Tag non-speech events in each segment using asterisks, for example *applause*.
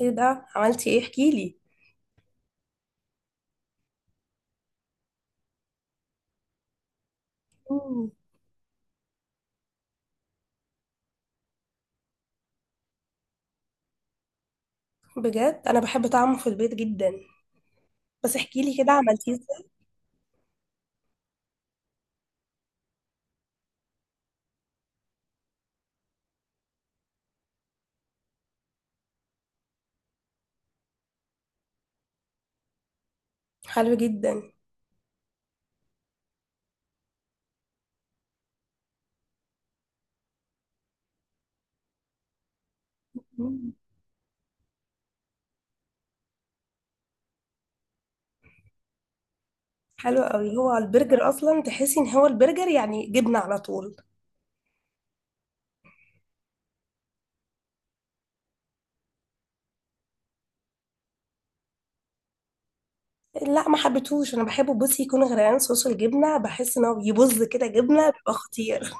ايه ده عملتي ايه احكيلي. مم. بجد انا بحب طعمه في البيت جدا. بس احكيلي كده عملتيه ازاي. حلو جدا. مم. حلو قوي، هو البرجر اصلا تحسي ان هو البرجر يعني جبنه على طول. لا ما حبيتهوش، انا بحبه بصي يكون غرقان صوص الجبنه، بحس ان هو يبز كده جبنه بيبقى خطير.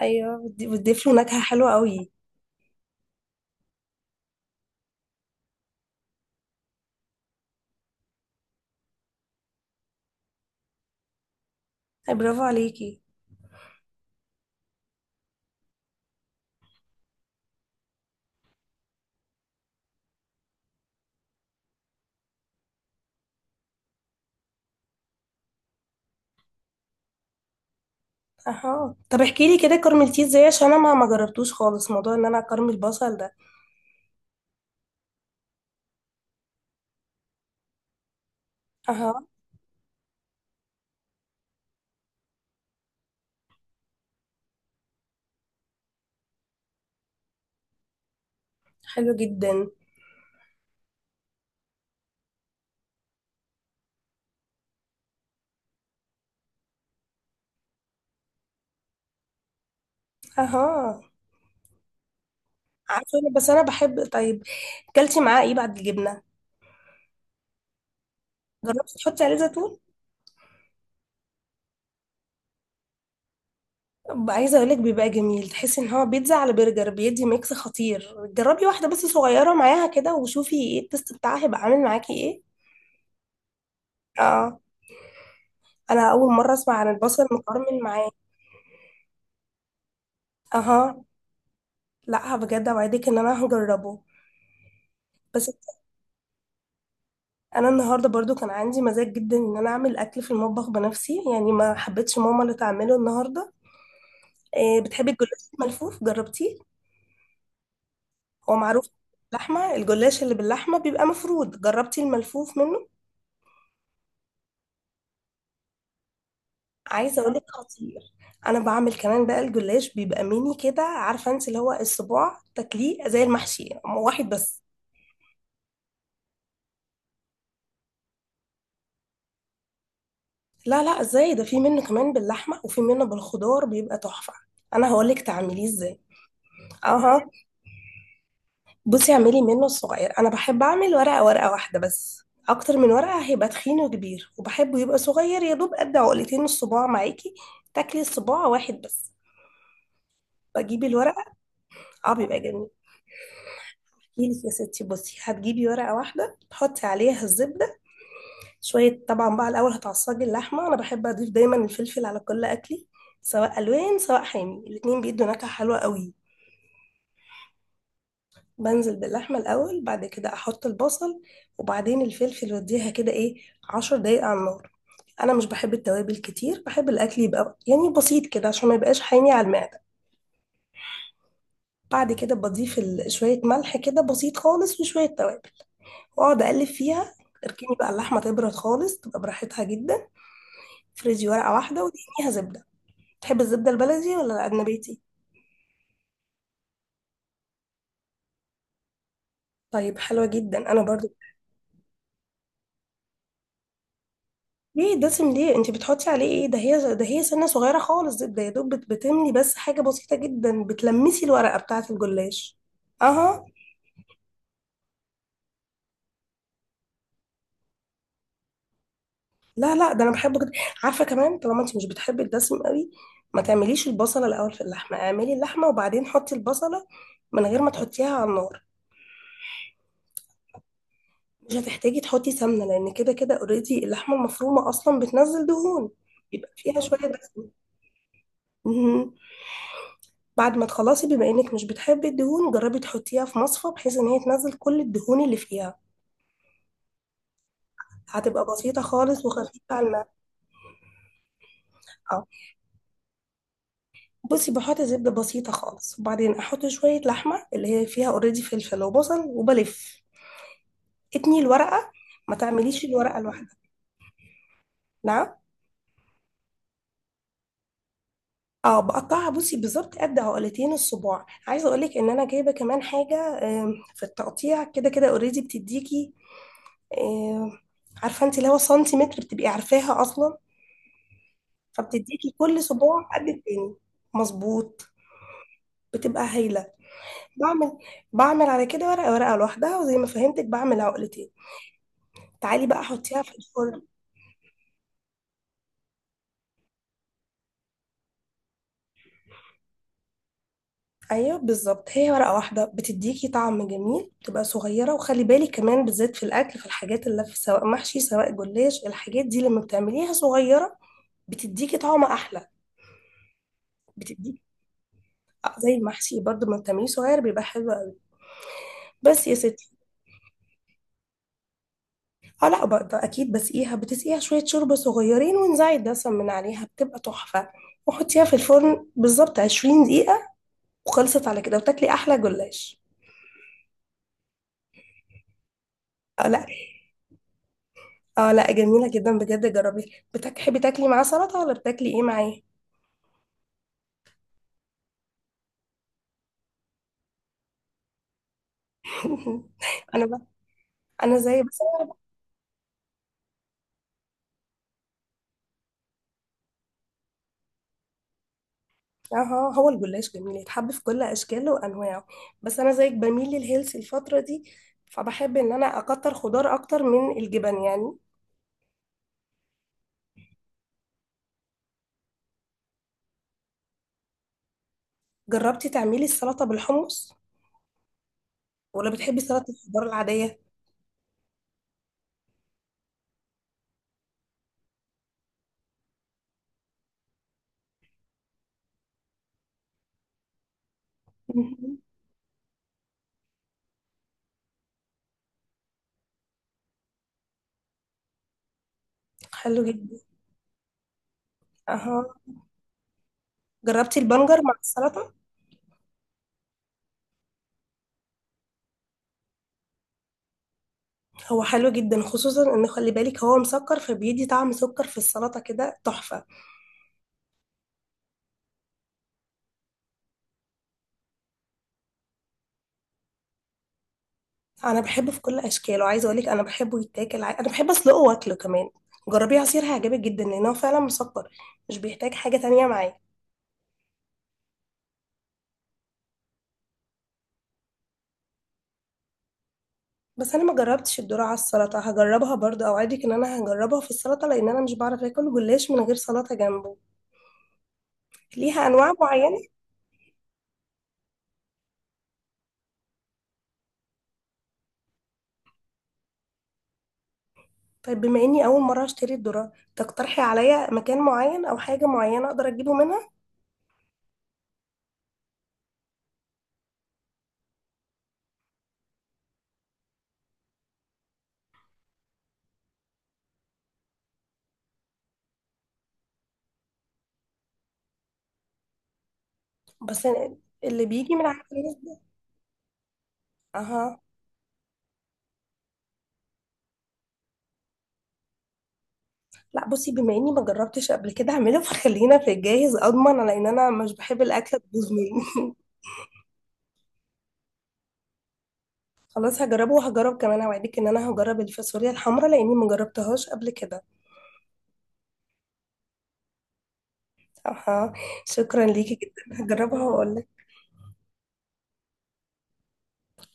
ايوه بتضيف له نكهه حلوه قوي. أي برافو عليكي. اها طب احكي لي كده كرملتيه ازاي، عشان انا ما جربتوش خالص موضوع ان انا اكرمل البصل ده. اها حلو جدا. اها بس انا بحب. طيب كلتي معاه ايه بعد الجبنه؟ جربتي تحطي عليه زيتون؟ عايزه اقول لك بيبقى جميل، تحسي ان هو بيتزا على برجر، بيدي ميكس خطير. جربي واحده بس صغيره معاها كده وشوفي ايه التست بتاعها هيبقى عامل معاكي ايه. اه انا اول مره اسمع عن البصل المكرمل معاه. اها. لا بجد اوعدك ان انا هجربه. بس انا النهارده برضو كان عندي مزاج جدا ان انا اعمل اكل في المطبخ بنفسي، يعني ما حبيتش ماما اللي تعمله النهارده. إيه بتحبي الجلاش الملفوف؟ جربتيه؟ هو معروف. اللحمة، الجلاش اللي باللحمة بيبقى مفرود، جربتي الملفوف منه؟ عايزة اقولك خطير. انا بعمل كمان بقى الجلاش بيبقى ميني كده، عارفة انت اللي هو الصباع تاكليه زي المحشي. واحد بس. لا لا ازاي، ده في منه كمان باللحمة وفي منه بالخضار بيبقى تحفة. انا هقولك تعمليه ازاي. اها بصي اعملي منه الصغير. انا بحب اعمل ورقة ورقة واحدة بس. اكتر من ورقة هيبقى تخين وكبير، وبحبه يبقى صغير يا دوب قد عقلتين الصباع معاكي. تاكلي الصباع واحد بس. بجيب الورق. اه بيبقى جميل. احكي لك يا ستي، بصي هتجيبي ورقه واحده تحطي عليها الزبده. شويه طبعا بقى، الاول هتعصجي اللحمه. انا بحب اضيف دايما الفلفل على كل اكلي، سواء الوان سواء حامي، الاتنين بيدوا نكهه حلوه قوي. بنزل باللحمه الاول، بعد كده احط البصل، وبعدين الفلفل، واديها كده ايه، عشر دقايق على النار. انا مش بحب التوابل كتير، بحب الاكل يبقى يعني بسيط كده عشان ما يبقاش حامي على المعده. بعد كده بضيف شويه ملح كده بسيط خالص وشويه توابل، واقعد اقلب فيها. اركني بقى اللحمه تبرد خالص تبقى براحتها جدا. افرزي ورقه واحده ودهنيها زبده. تحب الزبده البلدي ولا النباتي؟ طيب حلوه جدا انا برضو. ليه دسم؟ ليه؟ انت بتحطي عليه ايه؟ ده هي ده هي سنه صغيره خالص زبده يا دوب بتملي بس حاجه بسيطه جدا، بتلمسي الورقه بتاعه الجلاش. اها. لا لا ده انا بحبه جدا. عارفه كمان طالما انت مش بتحبي الدسم قوي، ما تعمليش البصله الاول في اللحمه، اعملي اللحمه وبعدين حطي البصله من غير ما تحطيها على النار. مش هتحتاجي تحطي سمنة، لأن كده كده اوريدي اللحمة المفرومة أصلا بتنزل دهون. يبقى فيها شوية دهون. مهم. بعد ما تخلصي، بما إنك مش بتحبي الدهون، جربي تحطيها في مصفى بحيث إن هي تنزل كل الدهون اللي فيها. هتبقى بسيطة خالص وخفيفة على المعدة. اه بصي بحط زبدة بسيطة خالص، وبعدين أحط شوية لحمة اللي هي فيها اوريدي فلفل وبصل، وبلف اتني الورقة. ما تعمليش الورقة لوحدها. نعم. اه بقطعها بصي، بالظبط قد عقلتين الصباع. عايزه اقولك ان انا جايبه كمان حاجه. في التقطيع كده كده اوريدي بتديكي. آم، عارفه انت اللي هو سنتيمتر، بتبقي عارفاها اصلا، فبتديكي كل صباع قد التاني. مظبوط. بتبقى هايله. بعمل بعمل على كده ورقه ورقه لوحدها، وزي ما فهمتك بعمل عقلتين. تعالي بقى حطيها في الفرن. ايوه بالظبط، هي ورقه واحده بتديكي طعم جميل بتبقى صغيره. وخلي بالك كمان بالذات في الاكل، في الحاجات اللي في سواء محشي سواء جلاش، الحاجات دي لما بتعمليها صغيره بتديكي طعم احلى. بتديكي زي المحشي برضه لما بتعمليه صغير بيبقى حلو قوي. بس يا ستي. اه لا بقى اكيد بسقيها، بتسقيها شويه شوربه صغيرين وانزعي الدسم من عليها بتبقى تحفه. وحطيها في الفرن بالظبط 20 دقيقه، وخلصت على كده وتاكلي احلى جلاش. اه لا. اه لا، جميلة جدا بجد. جربي. بتحبي تاكلي معاه سلطة ولا بتاكلي ايه معاه؟ *laughs* انا بقى انا زي بس. اه هو الجلاش جميل يتحب في كل اشكاله وانواعه. بس انا زيك بميل للهيلث الفترة دي، فبحب ان انا اكتر خضار اكتر من الجبن يعني. جربتي تعملي السلطة بالحمص، ولا بتحبي سلطة الخضار العادية؟ *laughs* مهم. حلو جدا. اها. جربتي البنجر مع السلطة؟ هو حلو جدا، خصوصا ان خلي بالك هو مسكر فبيدي طعم سكر في السلطة كده تحفة. انا بحبه في كل اشكاله، عايزه اقول لك انا بحبه يتاكل، انا بحب اسلقه واكله كمان. جربيه عصير هيعجبك جدا لان هو فعلا مسكر، مش بيحتاج حاجه تانية معاه. بس انا ما جربتش الذره على السلطه، هجربها برضه اوعدك ان انا هجربها في السلطه، لان انا مش بعرف اكل جلاش من غير سلطه جنبه. ليها انواع معينه. طيب بما اني اول مره اشتري الذره، تقترحي عليا مكان معين او حاجه معينه اقدر اجيبه منها؟ بس اللي بيجي من عند الناس ده. اها. لا بصي بما اني ما جربتش قبل كده اعمله، فخلينا في الجاهز اضمن، على ان انا مش بحب الاكله تبوظ مني. *laughs* خلاص هجربه. وهجرب كمان اوعدك ان انا هجرب الفاصوليا الحمراء لاني ما جربتهاش قبل كده. اها. شكرا ليكي جدا، هجربها واقول لك.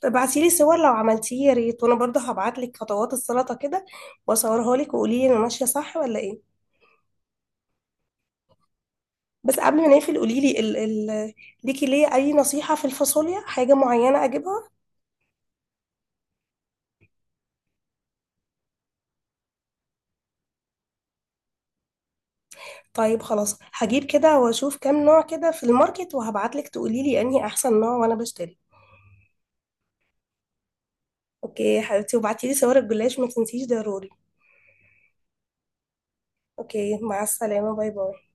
ابعتي لي صور لو عملتيه يا ريت، وانا برضه هبعت لك خطوات السلطه كده واصورها لك، وقولي لي انا ماشيه صح ولا ايه. بس قبل ما نقفل قولي لي ال ال ليكي ليه اي نصيحه في الفاصوليا، حاجه معينه اجيبها؟ طيب خلاص هجيب كده واشوف كام نوع كده في الماركت، وهبعتلك تقوليلي انهي احسن نوع وانا بشتري. اوكي يا حبيبتي، وبعتيلي صور الجلاش ما تنسيش ضروري. اوكي مع السلامة، باي باي.